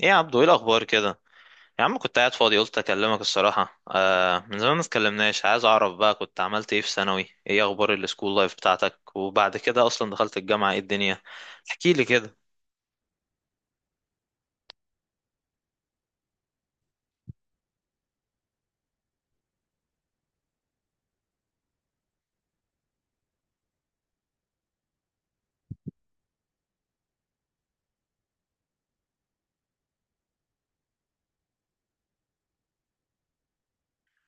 ايه يا عبدو؟ ايه الاخبار كده؟ يا عم كنت قاعد فاضي قلت اكلمك الصراحه، من زمان ما اتكلمناش، عايز اعرف بقى كنت عملت ايه في ثانوي، ايه اخبار السكول لايف بتاعتك؟ وبعد كده اصلا دخلت الجامعه، ايه الدنيا؟ احكي لي كده.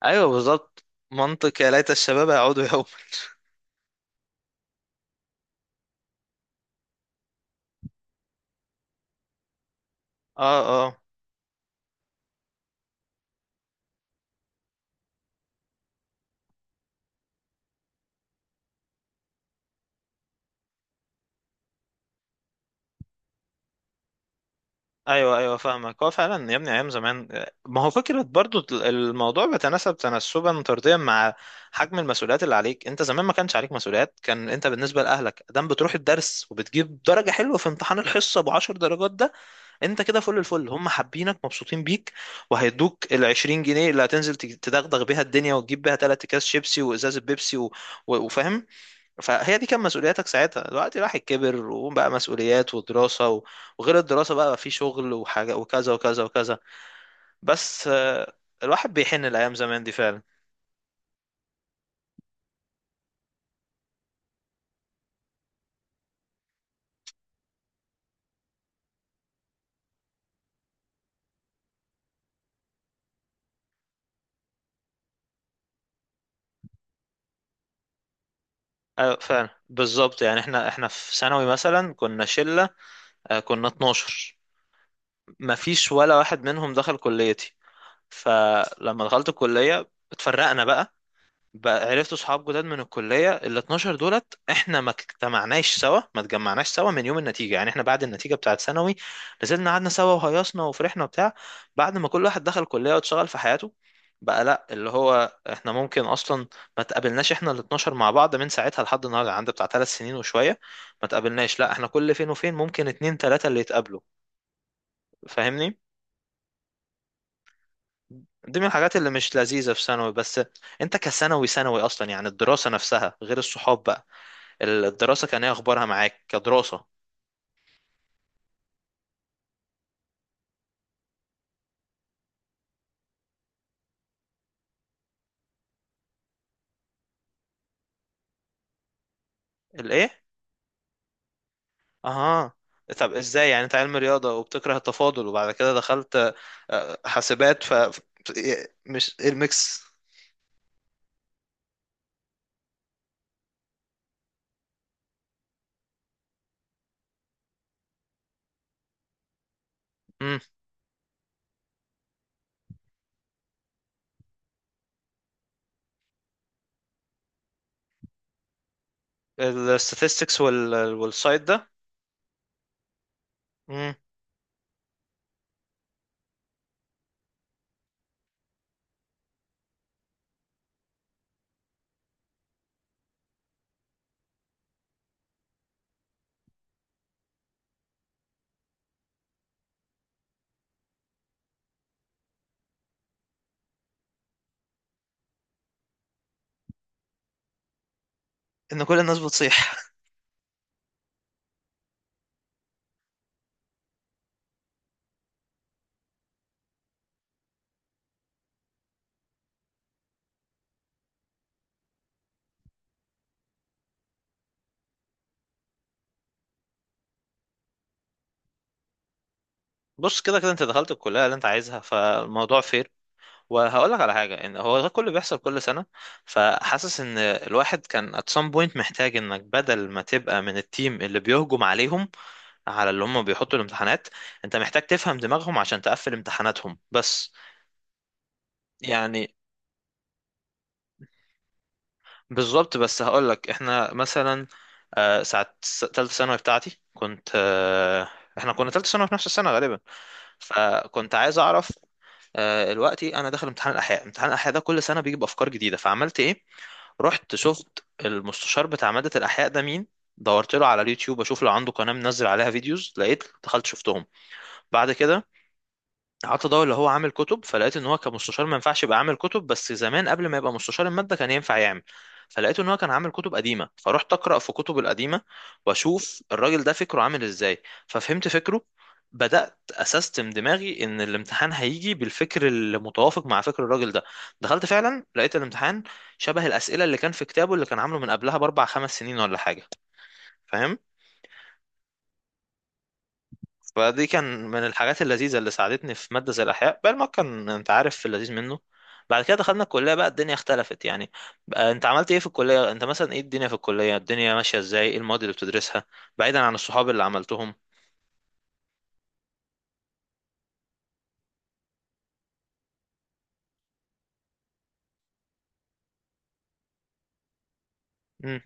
ايوه بالظبط. منطق يا ليت الشباب يعودوا يوما. اه ايوه ايوه فاهمك. هو فعلا يا ابني ايام زمان ما هو فكره برضو الموضوع بيتناسب تناسبا طرديا مع حجم المسؤوليات اللي عليك. انت زمان ما كانش عليك مسؤوليات، كان انت بالنسبه لاهلك دام بتروح الدرس وبتجيب درجه حلوه في امتحان الحصه ابو 10 درجات ده، انت كده فل الفل، هم حابينك مبسوطين بيك، وهيدوك ال 20 جنيه اللي هتنزل تدغدغ بيها الدنيا وتجيب بيها ثلاث اكياس شيبسي وازازه بيبسي وفاهم. فهي دي كان مسؤولياتك ساعتها. دلوقتي الواحد كبر وبقى مسؤوليات ودراسة، وغير الدراسة بقى، في شغل وحاجة وكذا وكذا وكذا. بس الواحد بيحن الأيام زمان دي فعلا. أيوة فعلا بالظبط، يعني احنا في ثانوي مثلا كنا شلة، كنا 12. مفيش ولا واحد منهم دخل كليتي، فلما دخلت الكلية اتفرقنا بقى. بقى عرفت صحاب جداد من الكلية. ال 12 دولت احنا ما اجتمعناش سوا، ما اتجمعناش سوا من يوم النتيجة. يعني احنا بعد النتيجة بتاعة ثانوي نزلنا قعدنا سوا وهيصنا وفرحنا وبتاع، بعد ما كل واحد دخل كلية واتشغل في حياته بقى لا، اللي هو احنا ممكن اصلا ما تقابلناش احنا ال 12 مع بعض من ساعتها لحد النهارده. عندي بتاع ثلاث سنين وشوية ما تقابلناش لا، احنا كل فين وفين ممكن اتنين تلاتة اللي يتقابلوا. فاهمني؟ دي من الحاجات اللي مش لذيذة في ثانوي، بس انت كثانوي ثانوي اصلا يعني الدراسة نفسها غير الصحاب بقى. الدراسة كان ايه اخبارها معاك كدراسة؟ الايه؟ اها. طب ازاي يعني انت علم رياضة وبتكره التفاضل وبعد كده دخلت حاسبات؟ إيه، مش ايه الميكس؟ امم. الستاتستكس وال والسايد ده. امم. ان كل الناس بتصيح. بص كده كده انت دخلت الكلية اللي انت عايزها فالموضوع فير. وهقول لك على حاجة، ان هو ده كله بيحصل كل سنة، فحاسس ان الواحد كان at some point محتاج انك بدل ما تبقى من التيم اللي بيهجم عليهم، على اللي هم بيحطوا الامتحانات، انت محتاج تفهم دماغهم عشان تقفل امتحاناتهم بس. يعني بالظبط. بس هقولك احنا مثلا، تالتة ثانوي بتاعتي كنت احنا كنا تالتة ثانوي في نفس السنة غالبا. فكنت عايز اعرف، دلوقتي انا داخل امتحان الاحياء، امتحان الاحياء ده كل سنة بيجيب افكار جديدة، فعملت ايه؟ رحت شفت المستشار بتاع مادة الاحياء ده مين، دورت له على اليوتيوب اشوف لو عنده قناة منزل عليها فيديوز، لقيت دخلت شفتهم. بعد كده قعدت ادور اللي هو عامل كتب، فلقيت ان هو كمستشار ما ينفعش يبقى عامل كتب، بس زمان قبل ما يبقى مستشار المادة كان ينفع يعمل، فلقيت ان هو كان عامل كتب قديمة، فرحت اقرا في كتب القديمة واشوف الراجل ده فكره عامل ازاي، ففهمت فكره. بدأت أسستم دماغي إن الامتحان هيجي بالفكر المتوافق مع فكر الراجل ده. دخلت فعلا لقيت الامتحان شبه الأسئلة اللي كان في كتابه اللي كان عامله من قبلها بأربع خمس سنين ولا حاجة. فاهم؟ فدي كان من الحاجات اللذيذة اللي ساعدتني في مادة زي الأحياء. بقى المواد كان أنت عارف في اللذيذ منه. بعد كده دخلنا الكلية بقى الدنيا اختلفت يعني. بقى أنت عملت إيه في الكلية؟ أنت مثلا إيه الدنيا في الكلية؟ الدنيا ماشية إزاي؟ إيه المواد اللي بتدرسها بعيدا عن الصحاب اللي عملتهم؟ امم.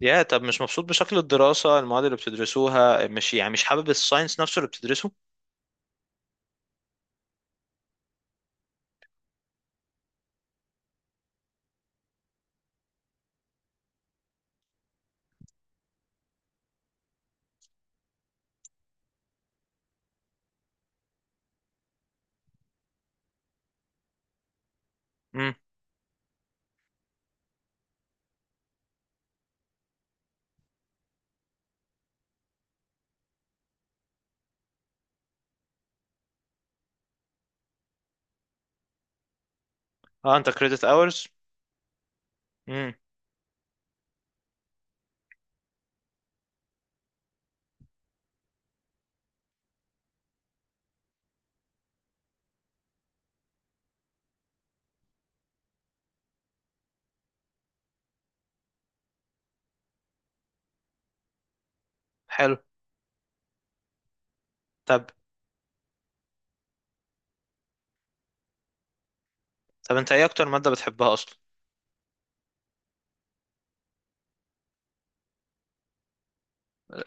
يا طب مش مبسوط بشكل الدراسة، المواد اللي بتدرسوها مش يعني، مش حابب الساينس نفسه اللي بتدرسه؟ امم. اه أنت كريدت أورز. امم. حلو. طب طب أنت إيه أكتر مادة بتحبها أصلا؟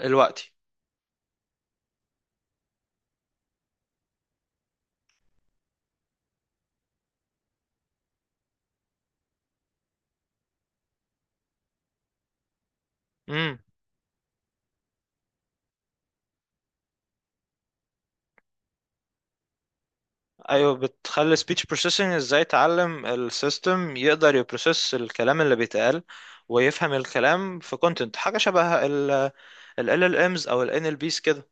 الوقت. امم. ايوه، بتخلي speech processing ازاي يتعلم السيستم، يقدر يبروسيس الكلام اللي بيتقال ويفهم الكلام في content. حاجه شبه ال LLMs او ال NLPs كده.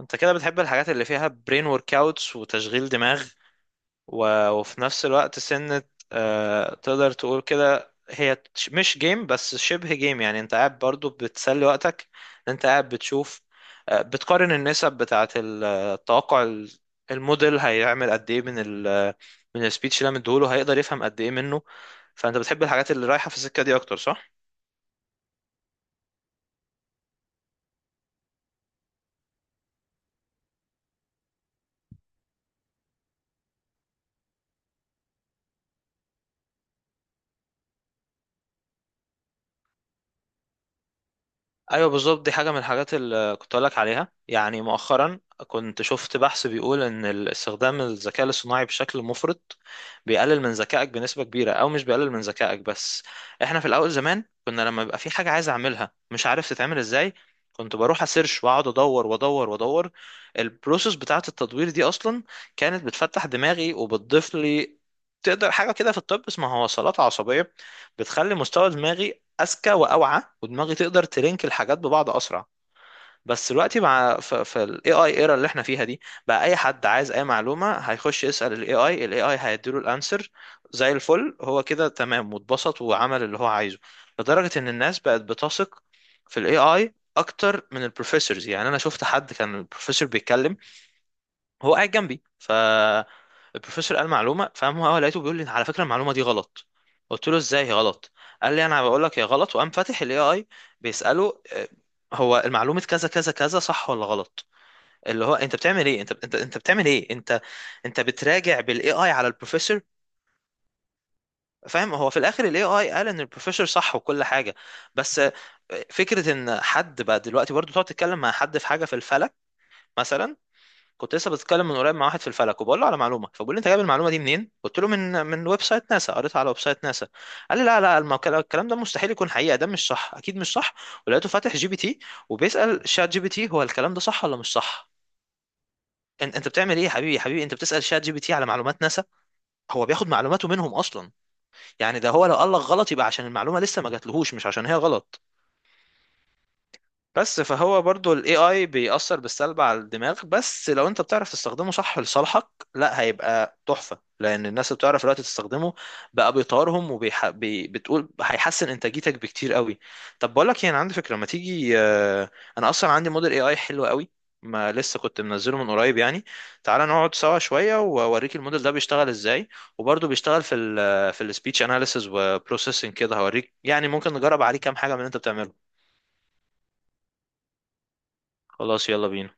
انت كده بتحب الحاجات اللي فيها brain workouts وتشغيل دماغ وفي نفس الوقت سنة، تقدر تقول كده هي مش جيم بس شبه جيم، يعني انت قاعد برضو بتسلي وقتك. انت قاعد بتشوف، بتقارن النسب بتاعة التوقع، الموديل هيعمل قد ايه من ال، من السبيتش اللي انا مديهوله هيقدر يفهم قد ايه منه. فانت بتحب الحاجات اللي رايحة في السكة دي اكتر صح؟ ايوه بالظبط. دي حاجه من الحاجات اللي كنت اقولك عليها، يعني مؤخرا كنت شفت بحث بيقول ان استخدام الذكاء الاصطناعي بشكل مفرط بيقلل من ذكائك بنسبه كبيره، او مش بيقلل من ذكائك بس. احنا في الاول زمان كنا لما يبقى في حاجه عايز اعملها مش عارف تتعمل ازاي، كنت بروح اسيرش واقعد ادور وادور وادور. البروسيس بتاعه التدوير دي اصلا كانت بتفتح دماغي وبتضيف لي، تقدر حاجه كده في الطب اسمها وصلات عصبيه، بتخلي مستوى دماغي اذكى واوعى، ودماغي تقدر تلينك الحاجات ببعض اسرع. بس دلوقتي مع في الاي اي ايرا اللي احنا فيها دي، بقى اي حد عايز اي معلومه هيخش يسال الاي اي، الاي اي هيديله الانسر زي الفل، هو كده تمام واتبسط وعمل اللي هو عايزه. لدرجه ان الناس بقت بتثق في الاي اي اكتر من البروفيسورز. يعني انا شفت حد كان البروفيسور بيتكلم هو قاعد جنبي، فالبروفيسور قال معلومه، فقام هو لقيته بيقول لي على فكره المعلومه دي غلط، قلت له ازاي هي غلط؟ قال لي انا بقول لك هي غلط، وقام فاتح الاي اي بيساله، هو المعلومه كذا كذا كذا صح ولا غلط. اللي هو انت بتعمل ايه؟ انت بتعمل ايه انت؟ انت بتراجع بالاي اي على البروفيسور. فاهم؟ هو في الاخر الاي اي قال ان البروفيسور صح وكل حاجه، بس فكره ان حد بقى دلوقتي برضه تقعد تتكلم مع حد في حاجه في الفلك مثلا. كنت لسه بتكلم من قريب مع واحد في الفلك، وبقول له على معلومه، فبقول لي انت جايب المعلومه دي منين؟ قلت له من ويب سايت ناسا، قريتها على ويب سايت ناسا. قال لي لا لا الكلام ده مستحيل يكون حقيقه، ده مش صح اكيد مش صح. ولقيته فاتح جي بي تي وبيسال شات جي بي تي هو الكلام ده صح ولا مش صح. انت بتعمل ايه يا حبيبي؟ يا حبيبي انت بتسال شات جي بي تي على معلومات ناسا؟ هو بياخد معلوماته منهم اصلا. يعني ده هو لو قال لك غلط يبقى عشان المعلومه لسه ما جاتلهوش، مش عشان هي غلط. بس فهو برضو ال AI بيأثر بالسلب على الدماغ، بس لو انت بتعرف تستخدمه صح لصالحك لا هيبقى تحفة. لأن الناس اللي بتعرف دلوقتي تستخدمه بقى بيطورهم، بتقول هيحسن إنتاجيتك بكتير قوي. طب بقول لك ايه، انا عندي فكرة، ما تيجي انا اصلا عندي موديل AI حلو قوي ما لسه كنت منزله من قريب يعني، تعالى نقعد سوا شوية واوريك الموديل ده بيشتغل ازاي، وبرضه بيشتغل في في السبيتش اناليسز وبروسيسنج كده، هوريك يعني ممكن نجرب عليه كام حاجة من اللي انت بتعمله. خلاص يلا بينا.